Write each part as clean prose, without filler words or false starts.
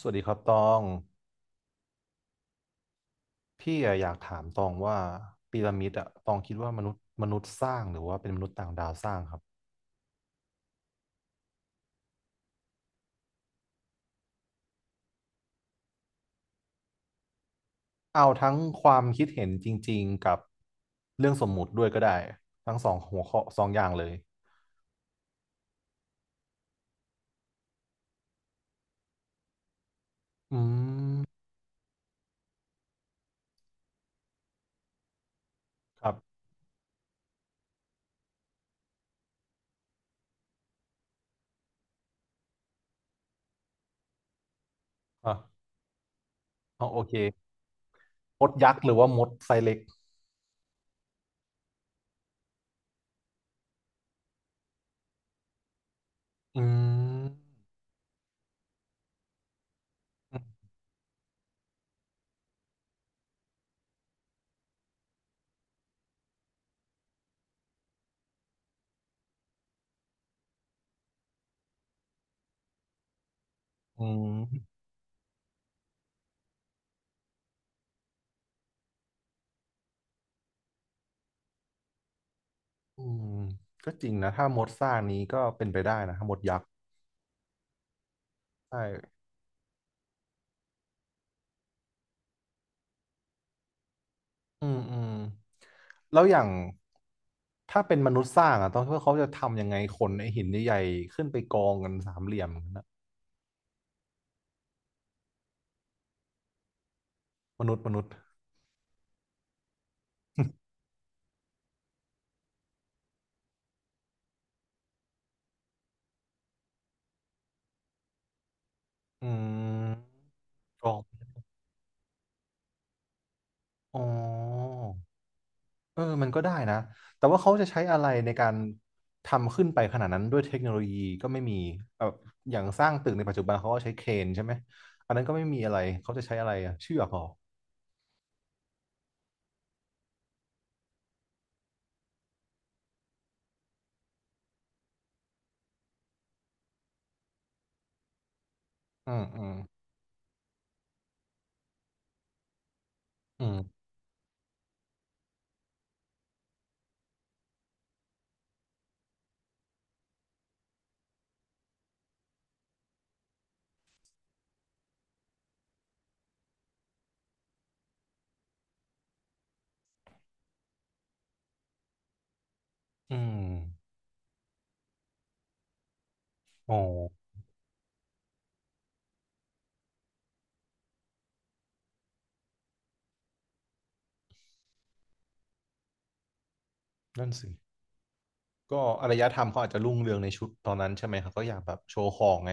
สวัสดีครับตองพี่อะอยากถามตองว่าพีระมิดอะตองคิดว่ามนุษย์สร้างหรือว่าเป็นมนุษย์ต่างดาวสร้างครับเอาทั้งความคิดเห็นจริงๆกับเรื่องสมมุติด้วยก็ได้ทั้งสองหัวข้อสองอย่างเลยอืมครับอ่ะเอาโอเคมดยักษ์หรือว่ามดไซเล็กอืมอืมอืมก็จริงนะถ้ามดสร้างนี้ก็เป็นไปได้นะถ้ามดยักษ์ใช่ อืมอืมแล้วอย่างถ้าเป็นมนุษย์สร้างอ่ะต้องคิดว่าเขาจะทำยังไงคนไอ้หินใหญ่ๆขึ้นไปกองกันสามเหลี่ยมกันนะมนุษย์ อืมกองอ๋อเออมันก็ได้นะแต่ว่าเขาจะใช้อะไรในการทำขึ้นไปขนาดนั้นด้วยเทคโนโลยีก็ไม่มีแบบอย่างสร้างตึกในปัจจุบันเขาก็ใช้เครนใช่ไหมอันนั้นก็ไม่มีอะไรเขาจะใช้อะไรอะเชือกเหรออืมอืมอืมอืมอ๋อนั่นสิ ก็อารยธรรมเขาอาจจะรุ่งเรืองในชุดตอนนั้นใช่ไหมครับก็อยากแบบโชว์ของไง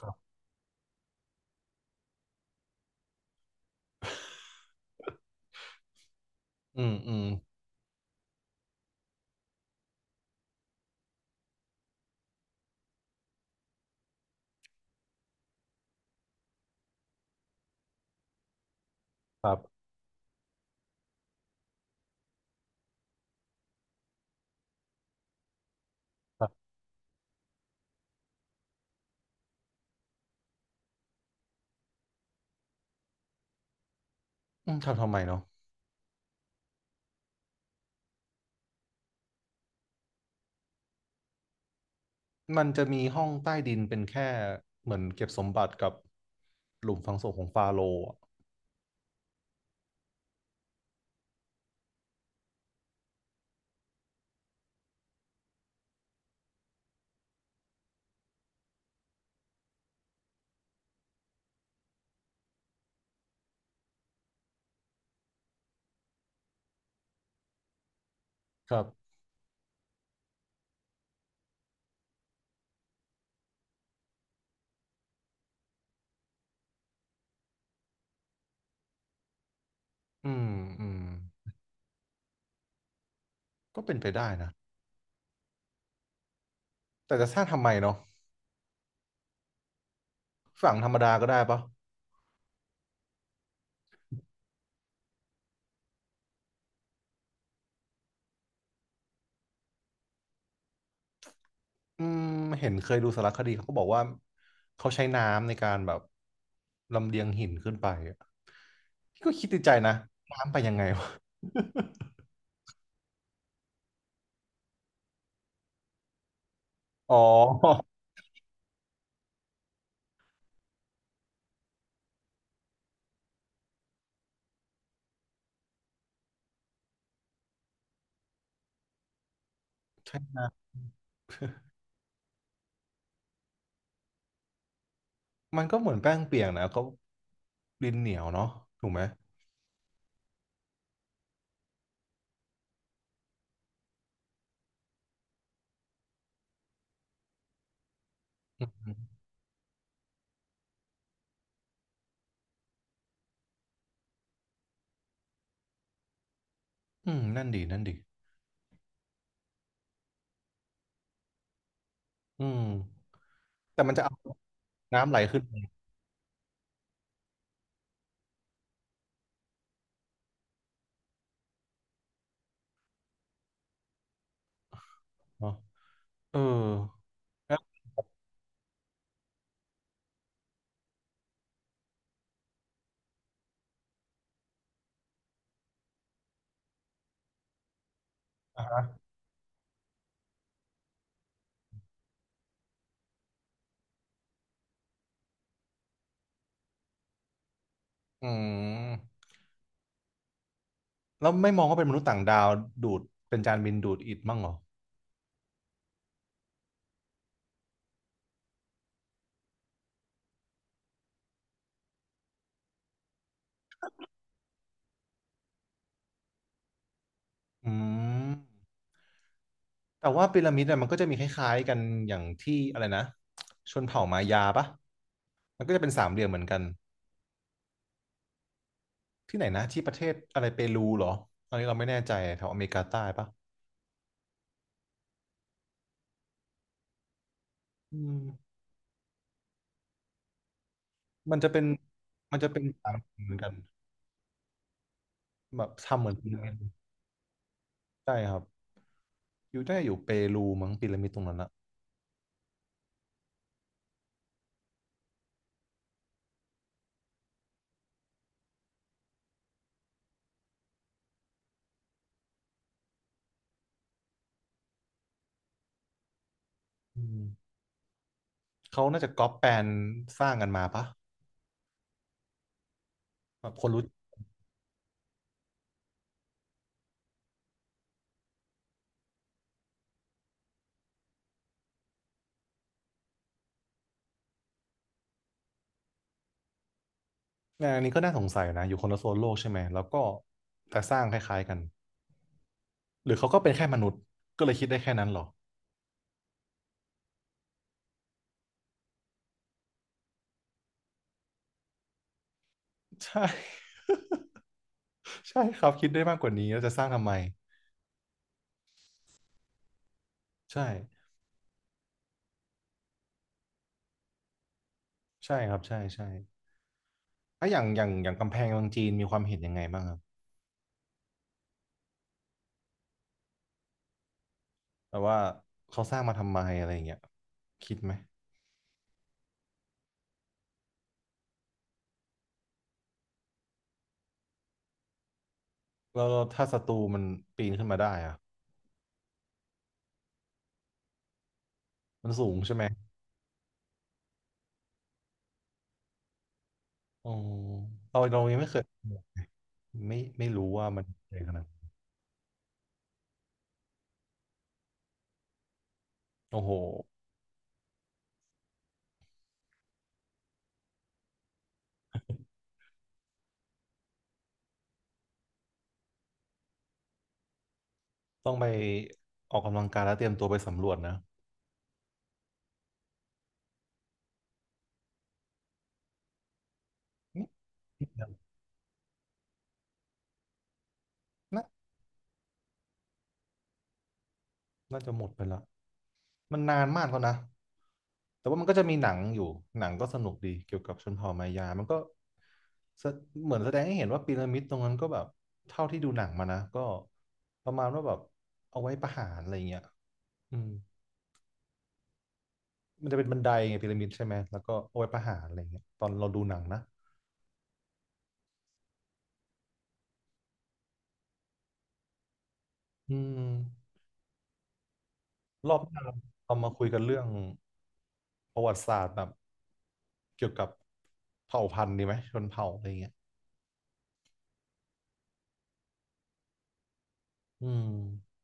ครับอืมอืมครับครับอืมทำไมเนาะมันจะมีห้องใต้ดินเป็นแค่เหมือนเก็บสมบัติกับหลุมฝังศพของฟาโรห์อะครับอืมอืมก็เป็นไปได้นะแต่จะสร้างทำไมเนาะฝังธรรมดาก็ได้ปะอืมเห็นเคยดูสารคดีเขาก็บอกว่าเขาใช้น้ำในการแบบลำเลียงหินขึ้นไปอะก็คิดในใจนะน้ำไปยังไงวะ อ๋อใช่มันก็เหมือนแป้งเปียกนะก็ดินเหนียวเนาะถูกไหมอืมอืมนั่นดีนั่นดีอืมแต่มันจะเอาน้ำไหลขึ้นมาเนาะเออแล้วอ่ะฮะอืมแล้วไม่มองว่าเป็นมนุษย์ต่างดาวดูดเป็นจานบินดูดอิฐมั่งเหรออืมแต่ว่าพีระมิดอะมันก็จะมีคล้ายๆกันอย่างที่อะไรนะชนเผ่ามายาปะมันก็จะเป็นสามเหลี่ยมเหมือนกัน ที่ไหนนะที่ประเทศอะไรเปรูเหรออันนี้เราไม่แน่ใจแถวอเมริกาใต้ปะอืม มันจะเป็นมันจะเป็นต่างเหมือนกันแบบทำเหมือนพีระมิดใช่ครับอยู่ได้อยู่เปรูมั้งพีระมิดตรงนั้นอะอืมเขาน่าจะก๊อปแปลนสร้างกันมาปะแบบคนรู้งานอันนี้ก็น่าสงสัยนะอยู่คนละโซนโลกใช่ไหมแล้วก็แต่สร้างคล้ายๆกันหรือเขาก็เป็นแค่มนุษย์ก็เลยคิดได้แค่นั้นเหรอใช่ ใช่ครับคิดได้มากกว่านี้แล้วจะสร้างทำไมใช่ใช่ครับใช่ใช่อ่ะอย่างกำแพงเมืองจีนมีความเห็นยังไงบ้างครับแบบว่าเขาสร้างมาทำไมอะไรอย่างเงี้ยคิดไหม แล้วถ้าศัตรูมันปีนขึ้นมาได้อะมันสูงใช่ไหมอ๋อเรายังไม่เคยไม่รู้ว่ามันใหญ่ขนาดนั้นโอ้โห ต้องไปออกกำลังกายแล้วเตรียมตัวไปสำรวจนะนี่น่าน่าจะหมดไปละมันนานมากแล้วนะ แต่ว่ามันก็จะมีหนังอยู่ หนังก็สนุกดีเกี่ยวกับชนเผ่ามายา มันก็แสเหมือนแสดงให้เห็นว่าพีระมิดตรงนั้นก็แบบเท่าที่ดูหนังมานะก็ประมาณว่าแบบเอาไว้ประหารอะไรเงี้ยอืม มันจะเป็นบันไดไงพีระมิดใช่ไหมแล้วก็เอาไว้ประหารอะไรเงี้ยตอนเราดูหนังนะอืมรอบหน้าเรามาคุยกันเรื่องประวัติศาสตร์แบบเกี่ยวกับเผ่าพันธุ์ดีไหมชนเผ่าอะไรเงี้ยอืม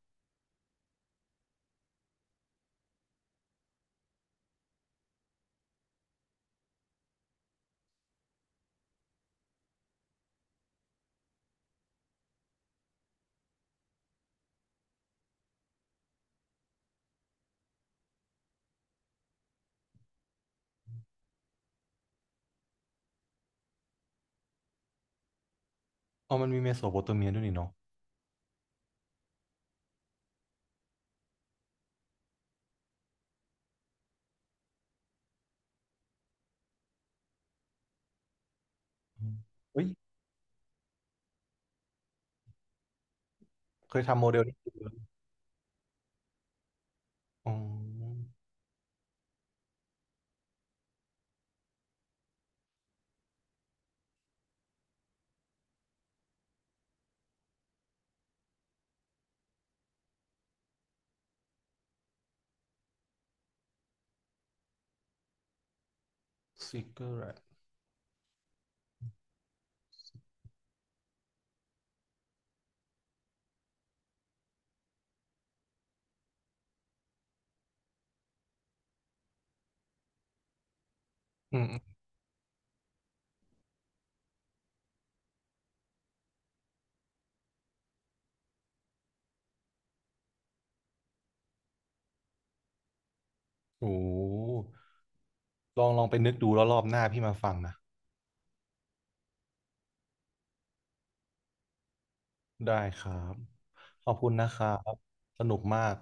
อ๋อมันมีเมโสโปเตเมียด้วยนี่เนาะอืมเฮ้ยเคยทำโมเดลนี้อ๋อซิกเกอร์แรอืมๆโอ้ลองไปนึกดูแล้วรอบหน้าพี่มาฟังนะได้ครับขอบคุณนะครับสนุกมาก